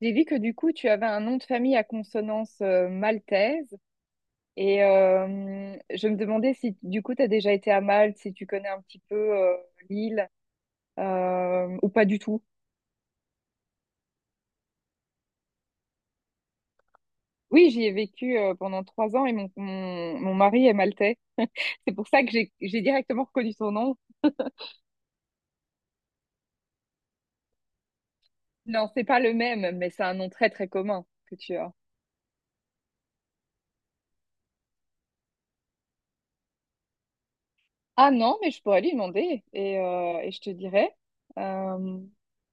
J'ai vu que du coup, tu avais un nom de famille à consonance maltaise et je me demandais si du coup, tu as déjà été à Malte, si tu connais un petit peu l'île ou pas du tout. Oui, j'y ai vécu pendant trois ans et mon mari est maltais. C'est pour ça que j'ai directement reconnu son nom. Non, c'est pas le même, mais c'est un nom très très commun que tu as. Ah non, mais je pourrais lui demander et je te dirai. Euh,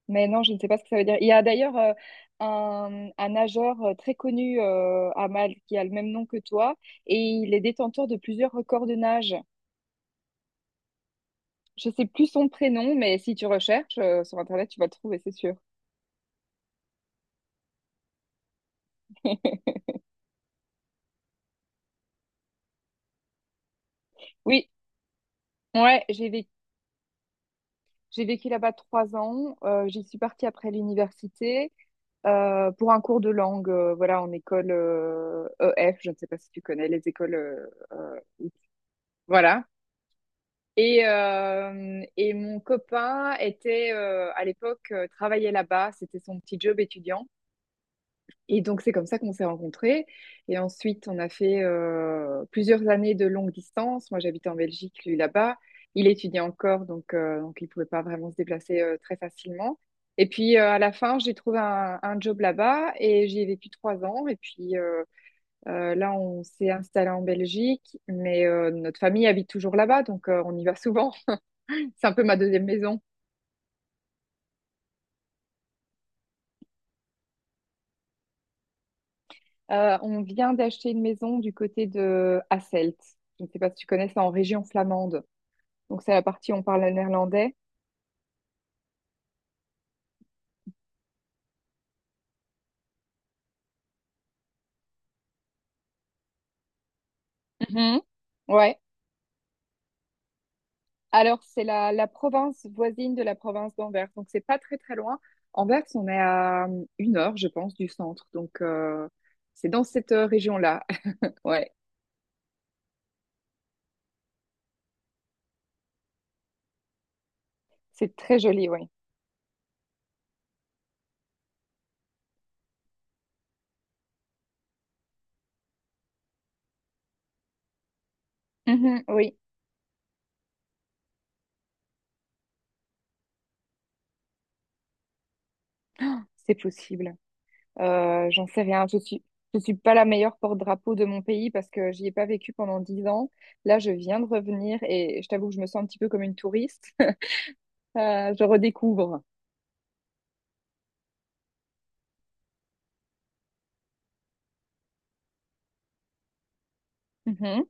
mais non, je ne sais pas ce que ça veut dire. Il y a d'ailleurs un nageur très connu à Malte qui a le même nom que toi et il est détenteur de plusieurs records de nage. Je sais plus son prénom, mais si tu recherches sur Internet, tu vas le trouver, c'est sûr. Oui, ouais, j'ai vécu là-bas 3 ans. J'y suis partie après l'université. Pour un cours de langue, voilà, en école EF, je ne sais pas si tu connais les écoles, euh, où- voilà. Et mon copain était à l'époque travaillait là-bas, c'était son petit job étudiant. Et donc, c'est comme ça qu'on s'est rencontrés. Et ensuite, on a fait plusieurs années de longue distance. Moi, j'habitais en Belgique, lui là-bas. Il étudiait encore, donc il ne pouvait pas vraiment se déplacer très facilement. À la fin, j'ai trouvé un job là-bas et j'y ai vécu 3 ans. Là, on s'est installé en Belgique, mais notre famille habite toujours là-bas, donc on y va souvent. C'est un peu ma deuxième maison. On vient d'acheter une maison du côté de Hasselt. Je ne sais pas si tu connais ça en région flamande. Donc c'est la partie où on parle néerlandais. Mhm. Ouais. Alors c'est la province voisine de la province d'Anvers. Donc c'est pas très très loin. Anvers, on est à 1 heure, je pense, du centre. C'est dans cette région-là. Ouais. C'est très joli, oui. Mhm, oui, c'est possible. J'en sais rien. Je suis pas la meilleure porte-drapeau de mon pays parce que j'y ai pas vécu pendant 10 ans. Là, je viens de revenir et je t'avoue que je me sens un petit peu comme une touriste. Je redécouvre. Mhm,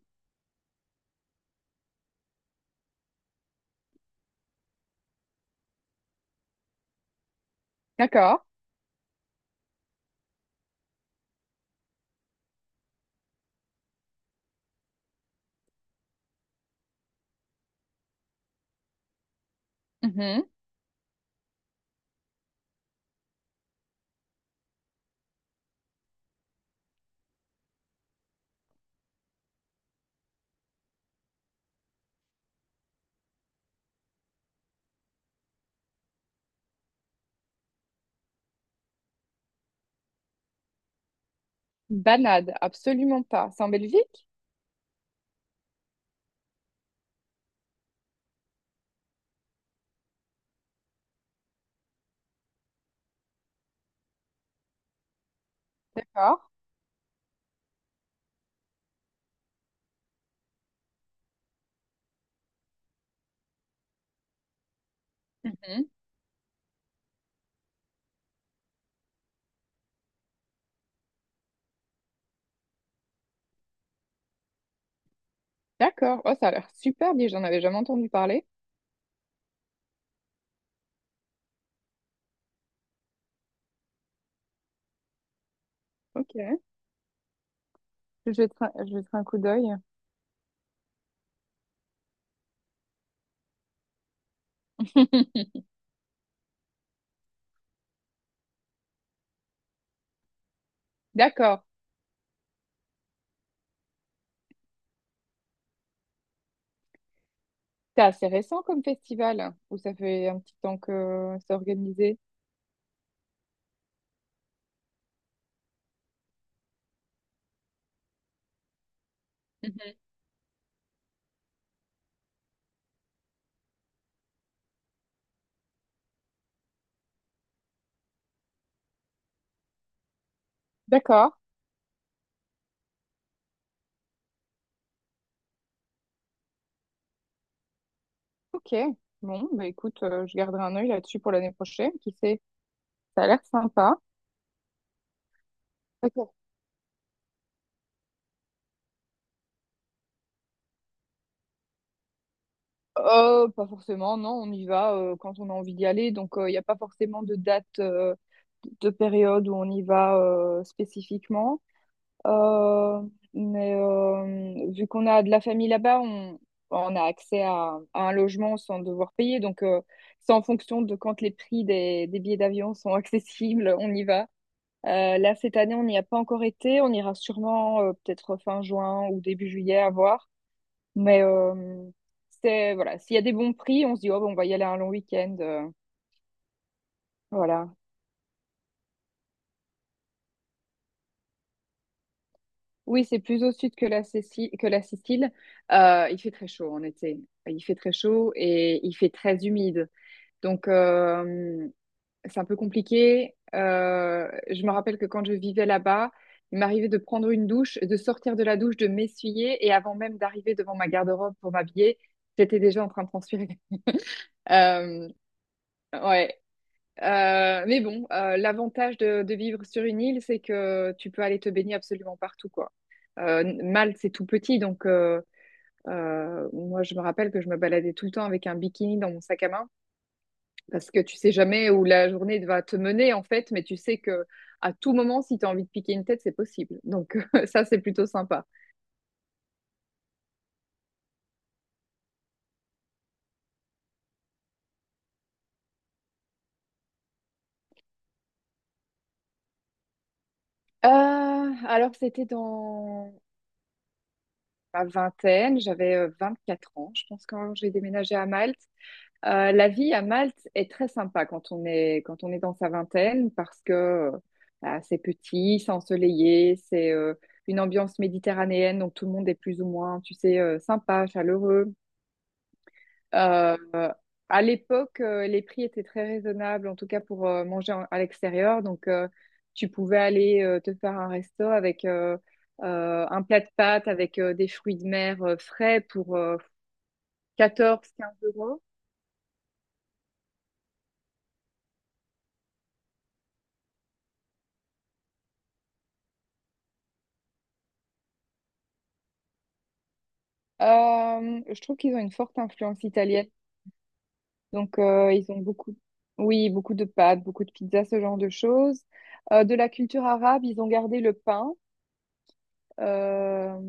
d'accord. Banade, absolument pas. C'est en Belgique? D'accord. Mhm. D'accord. Oh, ça a l'air super bien, j'en avais jamais entendu parler. Ok. Je jetterai un coup d'œil. D'accord. C'est assez récent comme festival, hein, ou ça fait un petit temps que c'est organisé? Mhm. D'accord. Ok. Bon, bah écoute, je garderai un œil là-dessus pour l'année prochaine. Qui sait? Ça a l'air sympa. Ok. Pas forcément, non, on y va quand on a envie d'y aller. Il n'y a pas forcément de date, de période où on y va spécifiquement. Euh, Vu qu'on a de la famille là-bas, on a accès à un logement sans devoir payer. C'est en fonction de quand les prix des billets d'avion sont accessibles, on y va. Là, cette année, on n'y a pas encore été. On ira sûrement peut-être fin juin ou début juillet à voir. Mais euh, c'est voilà, s'il y a des bons prix, on se dit oh, bah, on va y aller un long week-end. Voilà. Oui, c'est plus au sud que la Sicile. Il fait très chaud en été. Il fait très chaud et il fait très humide. Donc euh, c'est un peu compliqué. Je me rappelle que quand je vivais là-bas, il m'arrivait de prendre une douche, de sortir de la douche, de m'essuyer et avant même d'arriver devant ma garde-robe pour m'habiller, j'étais déjà en train de transpirer. Euh, ouais, mais bon, l'avantage de vivre sur une île, c'est que tu peux aller te baigner absolument partout, quoi. Malte, c'est tout petit, moi, je me rappelle que je me baladais tout le temps avec un bikini dans mon sac à main, parce que tu sais jamais où la journée va te mener, en fait, mais tu sais que à tout moment, si tu as envie de piquer une tête, c'est possible. Donc ça, c'est plutôt sympa. Alors, c'était dans ma vingtaine, j'avais 4 ans, je pense, quand j'ai déménagé à Malte. La vie à Malte est très sympa quand quand on est dans sa vingtaine parce que c'est petit, c'est ensoleillé, c'est une ambiance méditerranéenne, donc tout le monde est plus ou moins, tu sais, sympa, chaleureux. Euh, à l'époque, les prix étaient très raisonnables, en tout cas pour manger à l'extérieur. Tu pouvais aller te faire un resto avec un plat de pâtes avec des fruits de mer frais pour 14-15 euros. Je trouve qu'ils ont une forte influence italienne. Ils ont beaucoup, oui, beaucoup de pâtes, beaucoup de pizzas, ce genre de choses. De la culture arabe, ils ont gardé le pain, euh,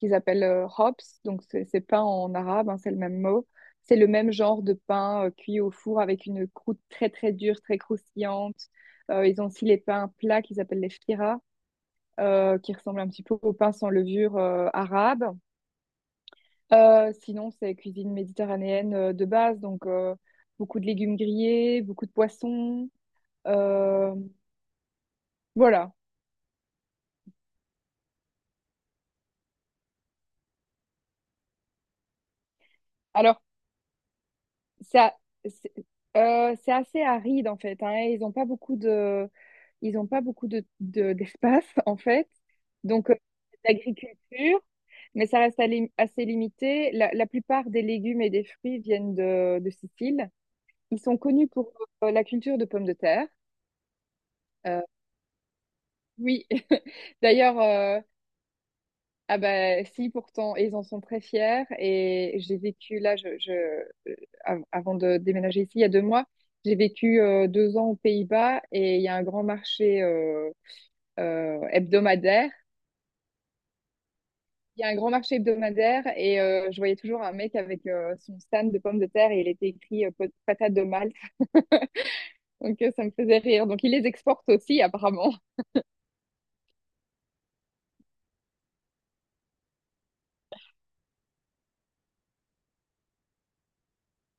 qu'ils appellent hops. Donc, c'est pain en arabe, hein, c'est le même mot. C'est le même genre de pain cuit au four avec une croûte très, très dure, très croustillante. Ils ont aussi les pains plats qu'ils appellent les fira, qui ressemblent un petit peu au pain sans levure arabe. Sinon, c'est cuisine méditerranéenne de base, beaucoup de légumes grillés, beaucoup de poissons. euh, voilà. Alors, ça, c'est c'est assez aride en fait. Hein, et ils n'ont pas beaucoup de, ils ont pas beaucoup de- d'espace en fait. Donc, euh, D'agriculture, mais ça reste assez limité. La plupart des légumes et des fruits viennent de Sicile. Ils sont connus pour la culture de pommes de terre. Euh, oui. D'ailleurs. Ah bah si pourtant et ils en sont très fiers et j'ai vécu là je euh, av- avant de déménager ici il y a 2 mois j'ai vécu 2 ans aux Pays-Bas et il y a un grand marché hebdomadaire il y a un grand marché hebdomadaire et je voyais toujours un mec avec son stand de pommes de terre et il était écrit patate de Malte donc ça me faisait rire donc il les exporte aussi apparemment.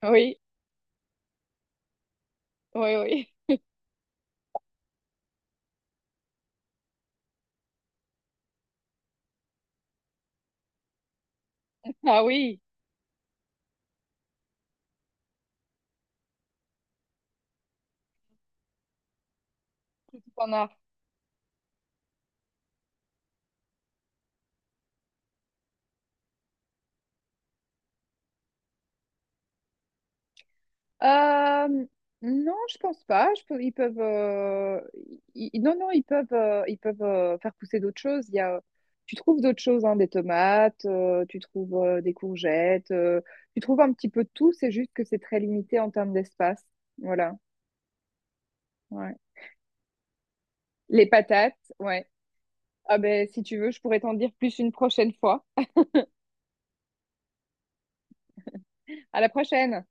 oui oui, oui. Ah oui, tout en a. Euh, non, je pense pas. Ils peuvent, non, non, ils peuvent faire pousser d'autres choses. Tu trouves d'autres choses, hein, des tomates, tu trouves des courgettes, tu trouves un petit peu de tout. C'est juste que c'est très limité en termes d'espace. Voilà. Ouais. Les patates, ouais. Ah ben, si tu veux, je pourrais t'en dire plus une prochaine fois. À la prochaine.